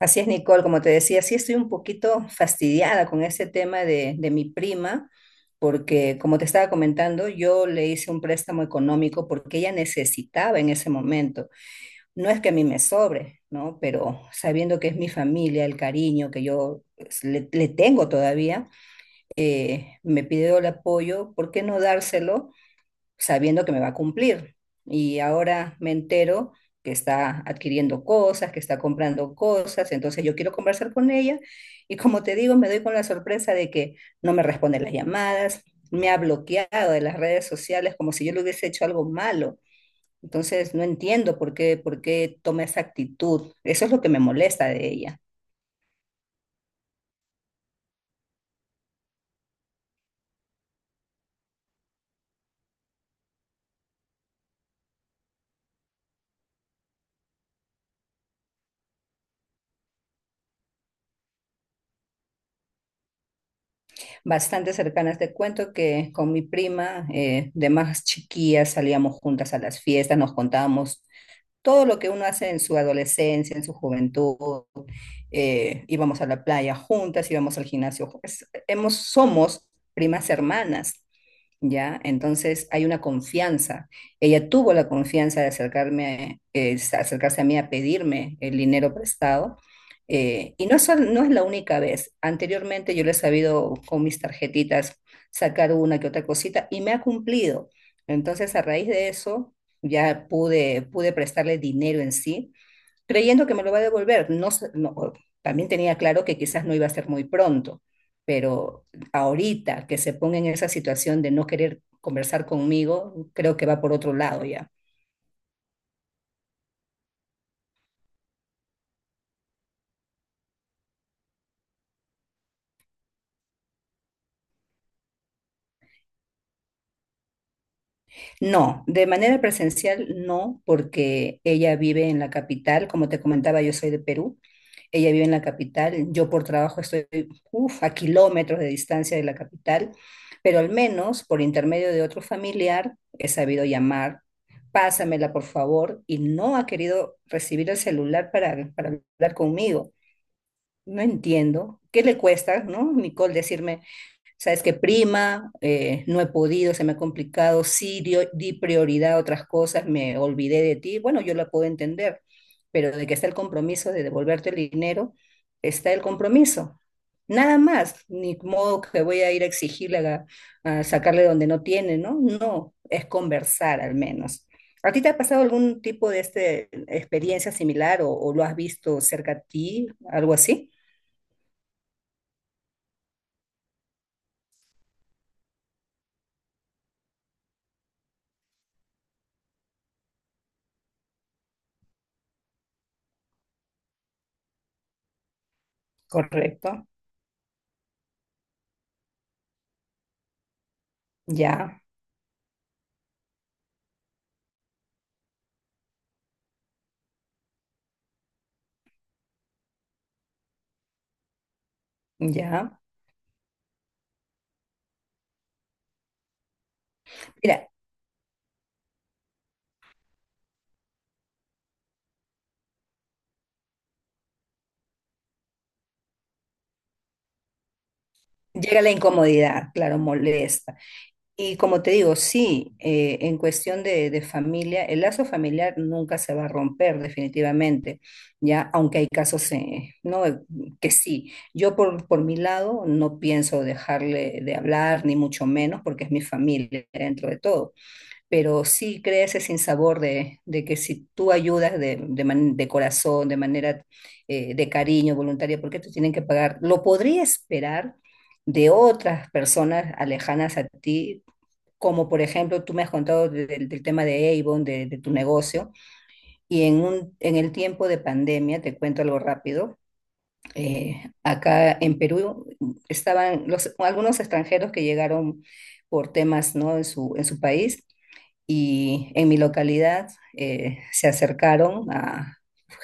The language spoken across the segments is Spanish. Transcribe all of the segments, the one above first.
Así es, Nicole, como te decía, sí estoy un poquito fastidiada con este tema de mi prima, porque como te estaba comentando, yo le hice un préstamo económico porque ella necesitaba en ese momento. No es que a mí me sobre, ¿no? Pero sabiendo que es mi familia, el cariño que yo pues, le tengo todavía, me pidió el apoyo, ¿por qué no dárselo? Sabiendo que me va a cumplir. Y ahora me entero que está adquiriendo cosas, que está comprando cosas, entonces yo quiero conversar con ella y como te digo, me doy con la sorpresa de que no me responde las llamadas, me ha bloqueado de las redes sociales como si yo le hubiese hecho algo malo. Entonces no entiendo por qué toma esa actitud. Eso es lo que me molesta de ella. Bastante cercanas te cuento que con mi prima de más chiquillas salíamos juntas a las fiestas, nos contábamos todo lo que uno hace en su adolescencia, en su juventud, íbamos a la playa juntas, íbamos al gimnasio, juntas. Somos primas hermanas. ¿Ya? Entonces hay una confianza. Ella tuvo la confianza de acercarme, acercarse a mí a pedirme el dinero prestado. Y no es, no es la única vez. Anteriormente yo le he sabido con mis tarjetitas sacar una que otra cosita y me ha cumplido. Entonces a raíz de eso ya pude prestarle dinero en sí creyendo que me lo va a devolver. No, sé- no, También tenía claro que quizás no iba a ser muy pronto, pero ahorita que se ponga en esa situación de no querer conversar conmigo, creo que va por otro lado ya. No, de manera presencial no, porque ella vive en la capital, como te comentaba, yo soy de Perú, ella vive en la capital, yo por trabajo estoy uf, a kilómetros de distancia de la capital, pero al menos por intermedio de otro familiar he sabido llamar, pásamela por favor, y no ha querido recibir el celular para hablar conmigo. No entiendo, ¿qué le cuesta, no, Nicole, decirme, sabes que prima, no he podido, se me ha complicado, di prioridad a otras cosas, me olvidé de ti. Bueno, yo la puedo entender, pero de que está el compromiso de devolverte el dinero, está el compromiso. Nada más, ni modo que voy a ir a exigirle a sacarle donde no tiene, ¿no? No, es conversar al menos. ¿A ti te ha pasado algún tipo de este, experiencia similar o lo has visto cerca a ti, algo así? Correcto, ya, ya. Mira, llega la incomodidad, claro, molesta. Y como te digo, sí, en cuestión de familia, el lazo familiar nunca se va a romper definitivamente, ya, aunque hay casos no, que sí. Yo por mi lado no pienso dejarle de hablar, ni mucho menos, porque es mi familia dentro de todo, pero sí crea ese sinsabor de que si tú ayudas de corazón, de manera de cariño, voluntaria, ¿por qué te tienen que pagar? Lo podría esperar de otras personas alejanas a ti, como por ejemplo tú me has contado del del tema de Avon, de tu negocio, y en el tiempo de pandemia, te cuento algo rápido, acá en Perú estaban los, algunos extranjeros que llegaron por temas, ¿no? En en su país y en mi localidad se acercaron a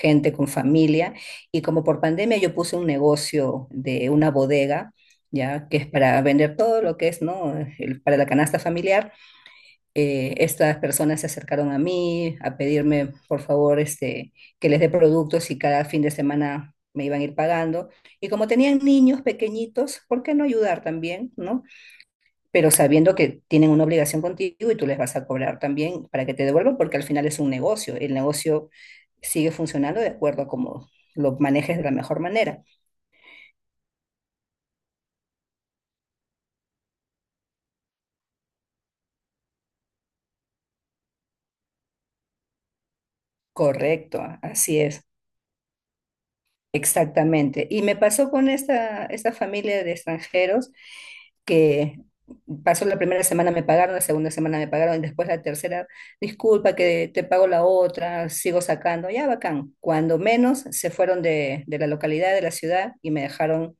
gente con familia y como por pandemia yo puse un negocio de una bodega, ya que es para vender todo lo que es, ¿no? El- para la canasta familiar. Estas personas se acercaron a mí a pedirme, por favor, este, que les dé productos y cada fin de semana me iban a ir pagando. Y como tenían niños pequeñitos, ¿por qué no ayudar también, ¿no? Pero sabiendo que tienen una obligación contigo y tú les vas a cobrar también para que te devuelvan, porque al final es un negocio. El negocio sigue funcionando de acuerdo a cómo lo manejes de la mejor manera. Correcto, así es, exactamente. Y me pasó con esta familia de extranjeros que pasó la primera semana me pagaron, la segunda semana me pagaron, y después la tercera, disculpa que te pago la otra, sigo sacando, ya bacán. Cuando menos se fueron de la localidad, de la ciudad y me dejaron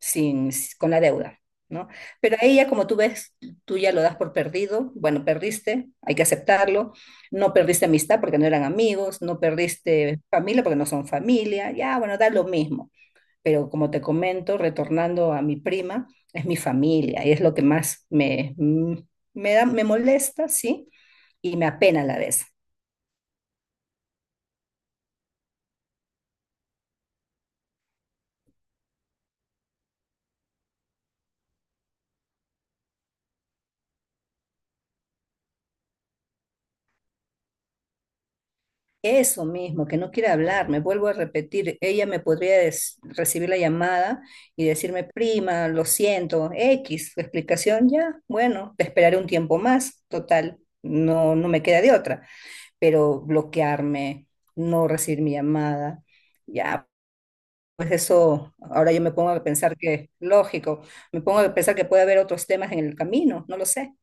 sin, con la deuda, ¿no? Pero ahí ya como tú ves, tú ya lo das por perdido, bueno, perdiste, hay que aceptarlo, no perdiste amistad porque no eran amigos, no perdiste familia porque no son familia, ya, bueno, da lo mismo. Pero como te comento, retornando a mi prima, es mi familia y es lo que más me, me da, me molesta, ¿sí? Y me apena a la vez. Eso mismo, que no quiere hablar, me vuelvo a repetir, ella me podría recibir la llamada y decirme, prima, lo siento, X, tu explicación ya, bueno, te esperaré un tiempo más, total, no me queda de otra, pero bloquearme, no recibir mi llamada, ya, pues eso, ahora yo me pongo a pensar que, lógico, me pongo a pensar que puede haber otros temas en el camino, no lo sé,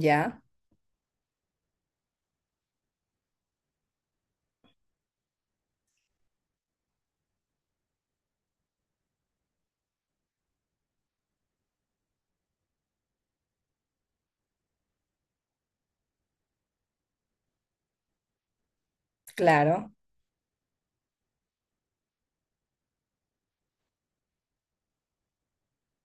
ya, claro.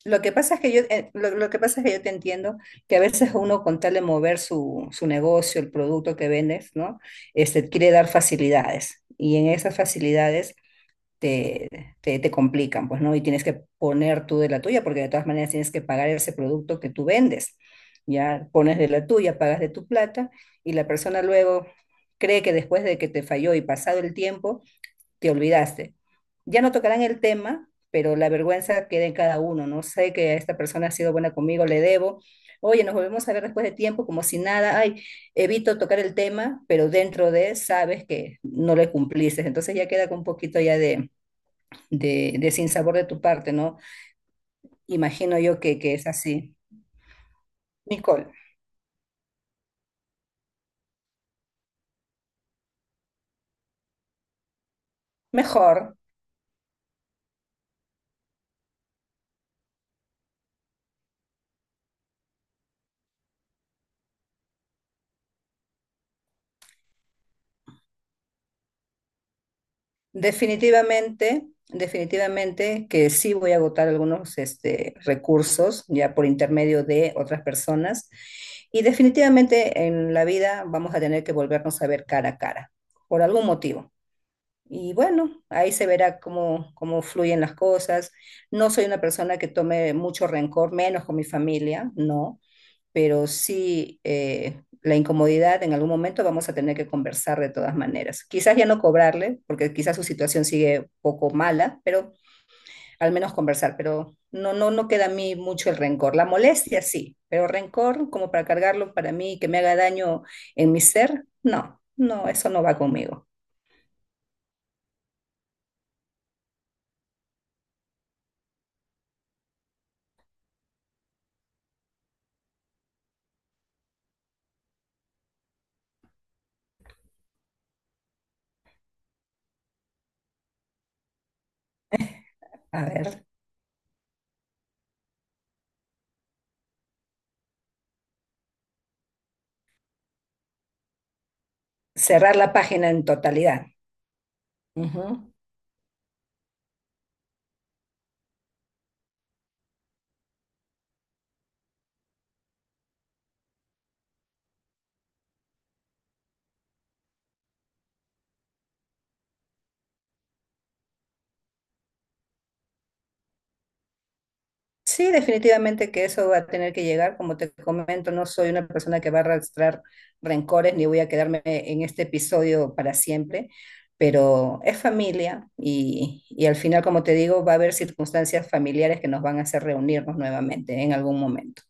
Lo que pasa es que yo, lo que pasa es que yo te entiendo que a veces uno con tal de mover su negocio, el producto que vendes, ¿no? Este, quiere dar facilidades y en esas facilidades te, te complican, pues, ¿no? Y tienes que poner tú de la tuya porque de todas maneras tienes que pagar ese producto que tú vendes. Ya pones de la tuya, pagas de tu plata y la persona luego cree que después de que te falló y pasado el tiempo, te olvidaste. Ya no tocarán el tema, pero la vergüenza queda en cada uno, ¿no? Sé que esta persona ha sido buena conmigo, le debo. Oye, nos volvemos a ver después de tiempo, como si nada, ay, evito tocar el tema, pero dentro de sabes que no le cumpliste. Entonces ya queda con un poquito ya de sinsabor de tu parte, ¿no? Imagino yo que es así. Nicole, mejor, definitivamente, definitivamente que sí voy a agotar algunos este, recursos ya por intermedio de otras personas y definitivamente en la vida vamos a tener que volvernos a ver cara a cara por algún motivo. Y bueno, ahí se verá cómo, cómo fluyen las cosas. No soy una persona que tome mucho rencor, menos con mi familia, no, pero sí la incomodidad en algún momento vamos a tener que conversar de todas maneras. Quizás ya no cobrarle, porque quizás su situación sigue poco mala, pero al menos conversar, pero no queda a mí mucho el rencor. La molestia sí, pero rencor como para cargarlo para mí, que me haga daño en mi ser, no, no, eso no va conmigo. A ver, cerrar la página en totalidad. Ujú. Sí, definitivamente que eso va a tener que llegar. Como te comento, no soy una persona que va a arrastrar rencores ni voy a quedarme en este episodio para siempre, pero es familia y al final, como te digo, va a haber circunstancias familiares que nos van a hacer reunirnos nuevamente en algún momento,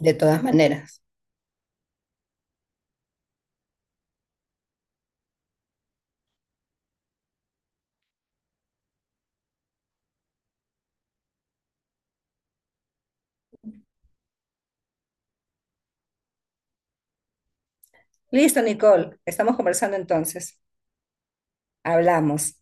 de todas maneras. Listo, Nicole, estamos conversando entonces. Hablamos.